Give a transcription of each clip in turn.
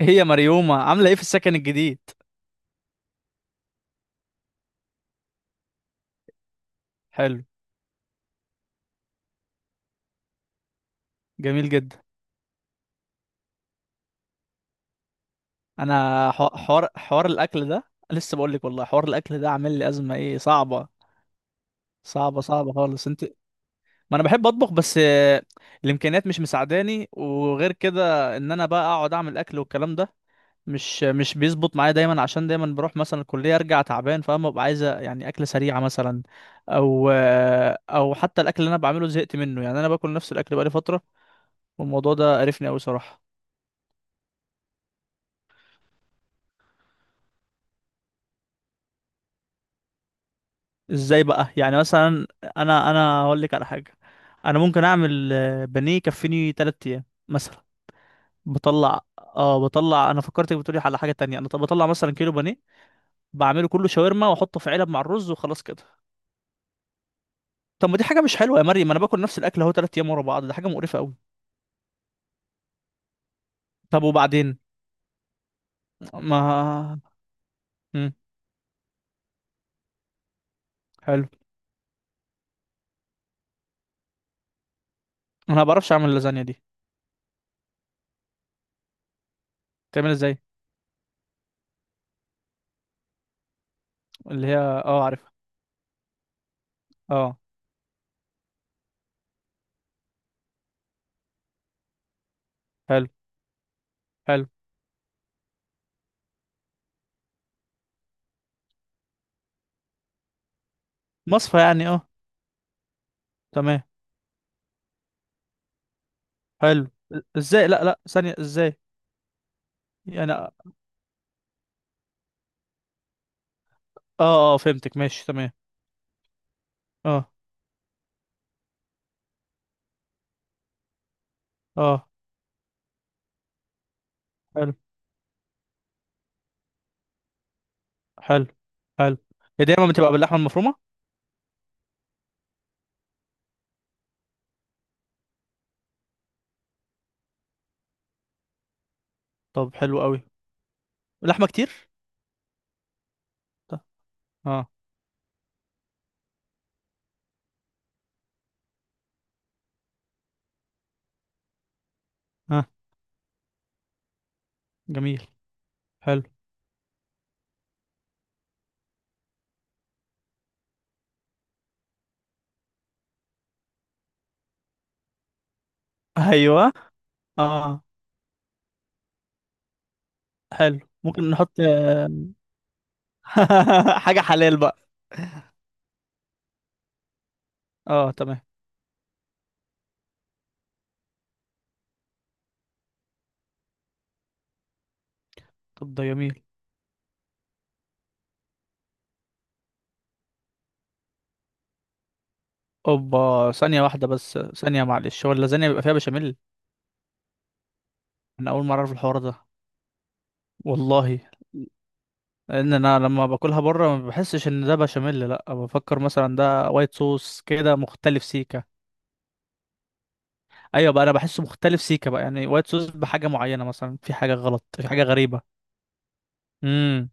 هي مريومة عاملة ايه في السكن الجديد؟ حلو. جميل جدا. انا حوار الاكل ده، لسه بقول لك والله، حوار الاكل ده عامل لي ازمة ايه صعبة، صعبة صعبة خالص انت. ما انا بحب اطبخ بس، الامكانيات مش مساعداني، وغير كده ان انا بقى اقعد اعمل اكل والكلام ده مش بيظبط معايا دايما، عشان دايما بروح مثلا الكلية ارجع تعبان، فاهم؟ ببقى عايزة يعني اكلة سريعة مثلا. او او حتى الاكل اللي انا بعمله زهقت منه، يعني انا باكل نفس الاكل بقالي فترة، والموضوع ده قرفني قوي صراحة. ازاي بقى يعني مثلا؟ انا هقول لك على حاجه. انا ممكن اعمل بانيه يكفيني 3 ايام مثلا. بطلع انا، فكرتك بتقولي على حاجه تانية. انا طب بطلع مثلا كيلو بانيه، بعمله كله شاورما واحطه في علب مع الرز وخلاص كده. طب ما دي حاجه مش حلوه يا مريم، ما انا باكل نفس الاكل اهو 3 ايام ورا بعض، ده حاجه مقرفه قوي. طب وبعدين؟ ما مم. حلو. انا ما بعرفش اعمل اللازانيا دي. بتعمل ازاي؟ اللي هي، اه، عارفها. اه. حلو. حلو. مصفى يعني، اه. تمام. حلو. ازاي؟ لا لا، ثانية، ازاي؟ يعني، اه. اه، فهمتك ماشي تمام. اه. اه. حلو. حلو. حلو. هي دايما بتبقى باللحمه المفرومه؟ طب حلو قوي. لحمه كتير؟ طب. اه. اه. جميل. حلو. ايوه. اه. حلو، ممكن نحط، حاجه حلال بقى. اه، تمام. طب ده جميل. اوبا. ثانيه واحده بس ثانيه، معلش، هو اللازانيا بيبقى فيها بشاميل؟ انا اول مره اعرف الحوار ده. والله. لان انا لما باكلها بره ما بحسش ان ده بشاميل، لا بفكر مثلا ده وايت صوص كده مختلف سيكا. ايوه بقى، انا بحسه مختلف سيكا بقى، يعني وايت صوص بحاجه معينه، مثلا في حاجه غلط، في حاجه غريبه. امم.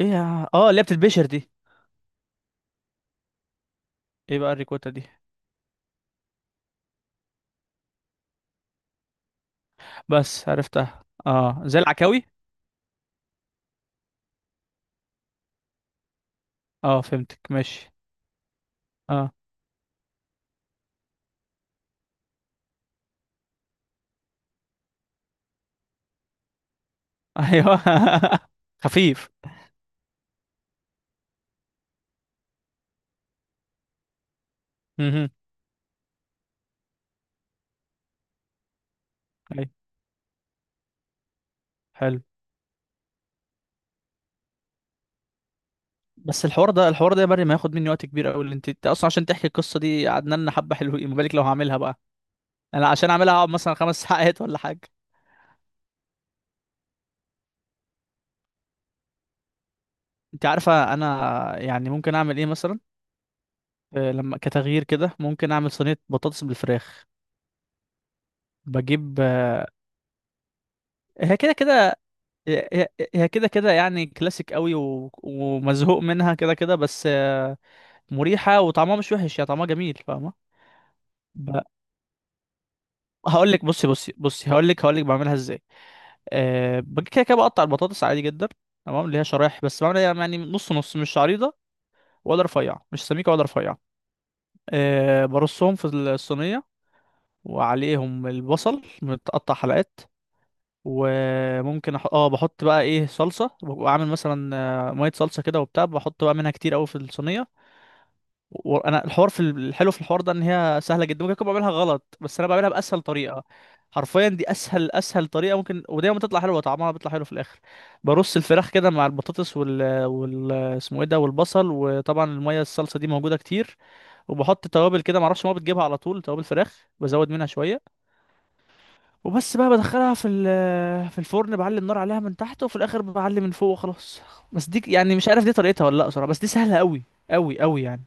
ايه اللي هي بتتبشر دي؟ ايه بقى الريكوتا دي؟ بس عرفتها، اه، زي العكاوي. اه، فهمتك ماشي. اه. ايوه. خفيف. امم. ايوه. حلو. بس الحوار ده يا مريم هياخد مني وقت كبير قوي، اللي انت اصلا عشان تحكي القصه دي قعدنا لنا حبه حلوين، ما بالك لو هعملها بقى. انا عشان اعملها اقعد مثلا 5 ساعات ولا حاجه. انت عارفه انا يعني ممكن اعمل ايه مثلا؟ لما كتغيير كده ممكن اعمل صينيه بطاطس بالفراخ. بجيب، هي كده كده. هي هي- هي كده كده يعني كلاسيك قوي، و... ومزهوق منها كده كده، بس مريحه، وطعمها مش وحش، يا طعمها جميل فاهمه. ب... هقول لك، بصي بصي بصي، هقول لك بعملها ازاي. أه، بجي كده كده بقطع البطاطس عادي جدا، تمام، اللي هي شرايح، بس بعملها يعني نص نص، مش عريضه ولا رفيعه، مش سميكه ولا رفيعه. برصهم في الصينية، وعليهم البصل متقطع حلقات، وممكن أح... اه بحط بقى ايه صلصة، واعمل مثلا مية صلصة كده وبتاع، بحط بقى منها كتير قوي في الصينية. وانا الحوار في الحلو في الحوار ده ان هي سهلة جدا، ممكن اكون بعملها غلط، بس انا بعملها بأسهل طريقة. حرفيا دي اسهل اسهل طريقة ممكن، ودايما بتطلع حلوة، طعمها بيطلع حلو في الاخر. برص الفراخ كده مع البطاطس اسمه ايه ده، والبصل، وطبعا المية الصلصة دي موجودة كتير، وبحط توابل كده، معرفش، ما بتجيبها على طول توابل فراخ، بزود منها شويه. وبس بقى بدخلها في ال- آه، في الفرن، بعلي النار عليها من تحت، وفي الاخر بعلي من فوق، وخلاص. بس دي يعني مش عارف دي طريقتها ولا لا، صراحه بس دي سهله قوي، قوي قوي يعني.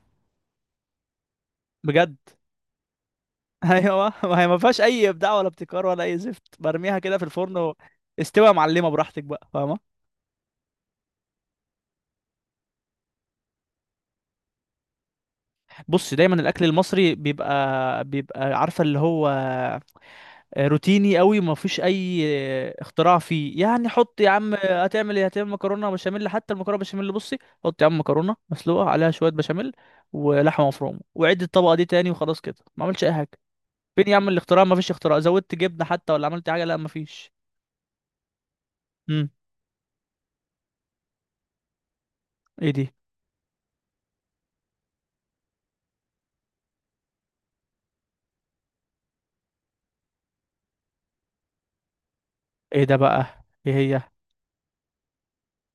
بجد. ايوه، ما هي ما فيهاش اي ابداع ولا ابتكار ولا اي زفت، برميها كده في الفرن استوى يا معلمه براحتك بقى فاهمه. بص، دايما الاكل المصري بيبقى، عارفه اللي هو روتيني قوي، ما فيش اي اختراع فيه. يعني حط يا عم، هتعمل ايه؟ هتعمل مكرونه بشاميل، حتى المكرونه بشاميل بصي. حط يا عم مكرونه مسلوقه عليها شويه بشاميل، ولحمه مفرومه، وعد الطبقه دي تاني وخلاص كده، ما عملش اي حاجه. فين يا عم الاختراع؟ ما فيش اختراع، زودت جبنه حتى ولا عملت حاجه؟ لا ما فيش. امم. ايه دي؟ ايه ده بقى؟ ايه هي؟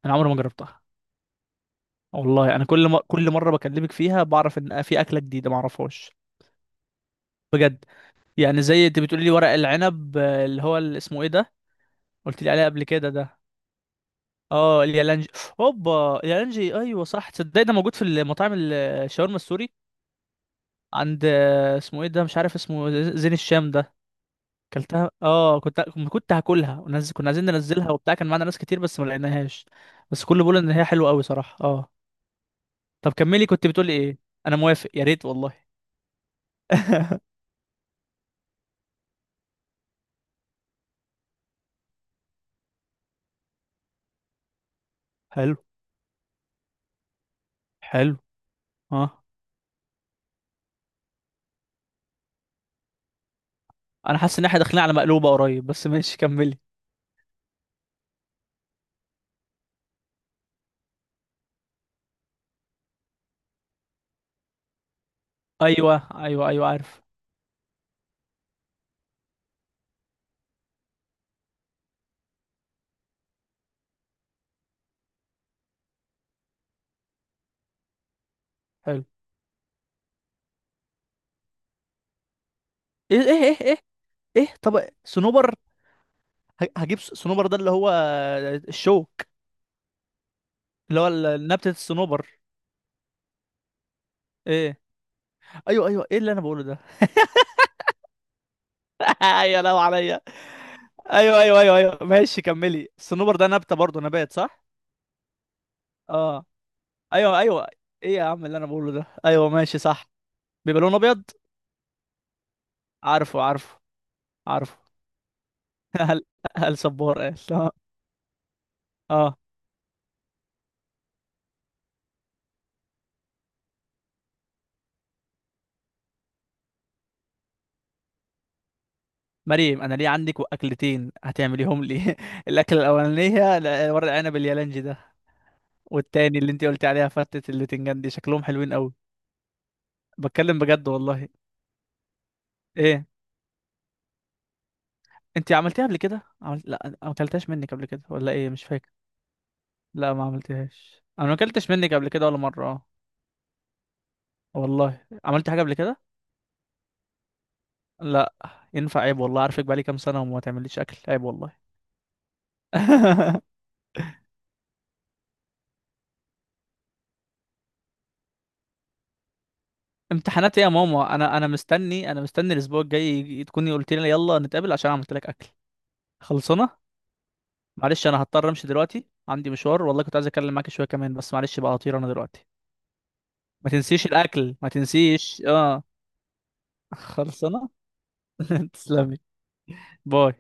انا عمري ما جربتها. والله انا كل ما كل مره بكلمك فيها بعرف ان في اكله جديده ما اعرفهاش. بجد. يعني زي انت بتقولي لي ورق العنب، اللي اسمه ايه ده؟ قلت لي عليه قبل كده ده. اه، اليالانجي. اوبا، اليالانجي، ايوه صح. تصدق ده موجود في المطاعم الشاورما السوري؟ عند، اسمه ايه ده، مش عارف اسمه زين الشام ده. اكلتها، اه، كنت، كنت هاكلها، كنا عايزين ننزلها وبتاع، كان معانا ناس كتير بس ما لقيناهاش. بس كله بيقول ان هي حلوه قوي صراحه، اه. طب كملي، كنت بتقولي ايه؟ انا موافق، يا ريت والله. حلو، حلو، اه. انا حاسس ان احنا داخلين على مقلوبه قريب، بس ماشي كملي. ايوه ايوه ايوه، عارف. حلو. ايه، ايه، ايه، ايه، إيه؟ طب، صنوبر؟ هجيب صنوبر ده اللي هو الشوك، اللي هو نبتة الصنوبر. ايه. ايوه، ايوه، ايه اللي انا بقوله ده. يا لو عليا. ايوه ايوه ايوه ايوه، ماشي كملي. الصنوبر ده نبتة برضه، نبات، صح؟ اه. ايوه، ايوه. ايه يا عم اللي انا بقوله ده، ايوه ماشي صح. بيبقى لونه ابيض. عارفه، عارفه. عارفه. هل هل صبار؟ قال اه. آه. مريم انا ليه عندك اكلتين هتعمليهم لي؟ الاكله الاولانيه ورق عنب اليالنجي ده، والتاني اللي انت قلتي عليها فتة البتنجان دي، شكلهم حلوين قوي. بتكلم بجد والله. ايه؟ انت عملتيها قبل كده، لا، ما اكلتهاش منك قبل كده ولا ايه، مش فاكر. لا، ما عملتهاش، انا ما اكلتش منك قبل كده ولا مره، اه. والله عملت حاجه قبل كده. لا. ينفع؟ عيب والله، عارفك بقالي كام سنه وما تعمليش اكل، عيب والله. امتحانات ايه يا ماما؟ انا مستني الاسبوع الجاي، تكوني قلت لي يلا نتقابل عشان عملت لك اكل. خلصنا. معلش، انا هضطر امشي دلوقتي، عندي مشوار والله، كنت عايز اتكلم معاك شويه كمان بس معلش بقى، هطير انا دلوقتي. ما تنسيش الاكل، ما تنسيش، اه. خلصنا. تسلمي. باي.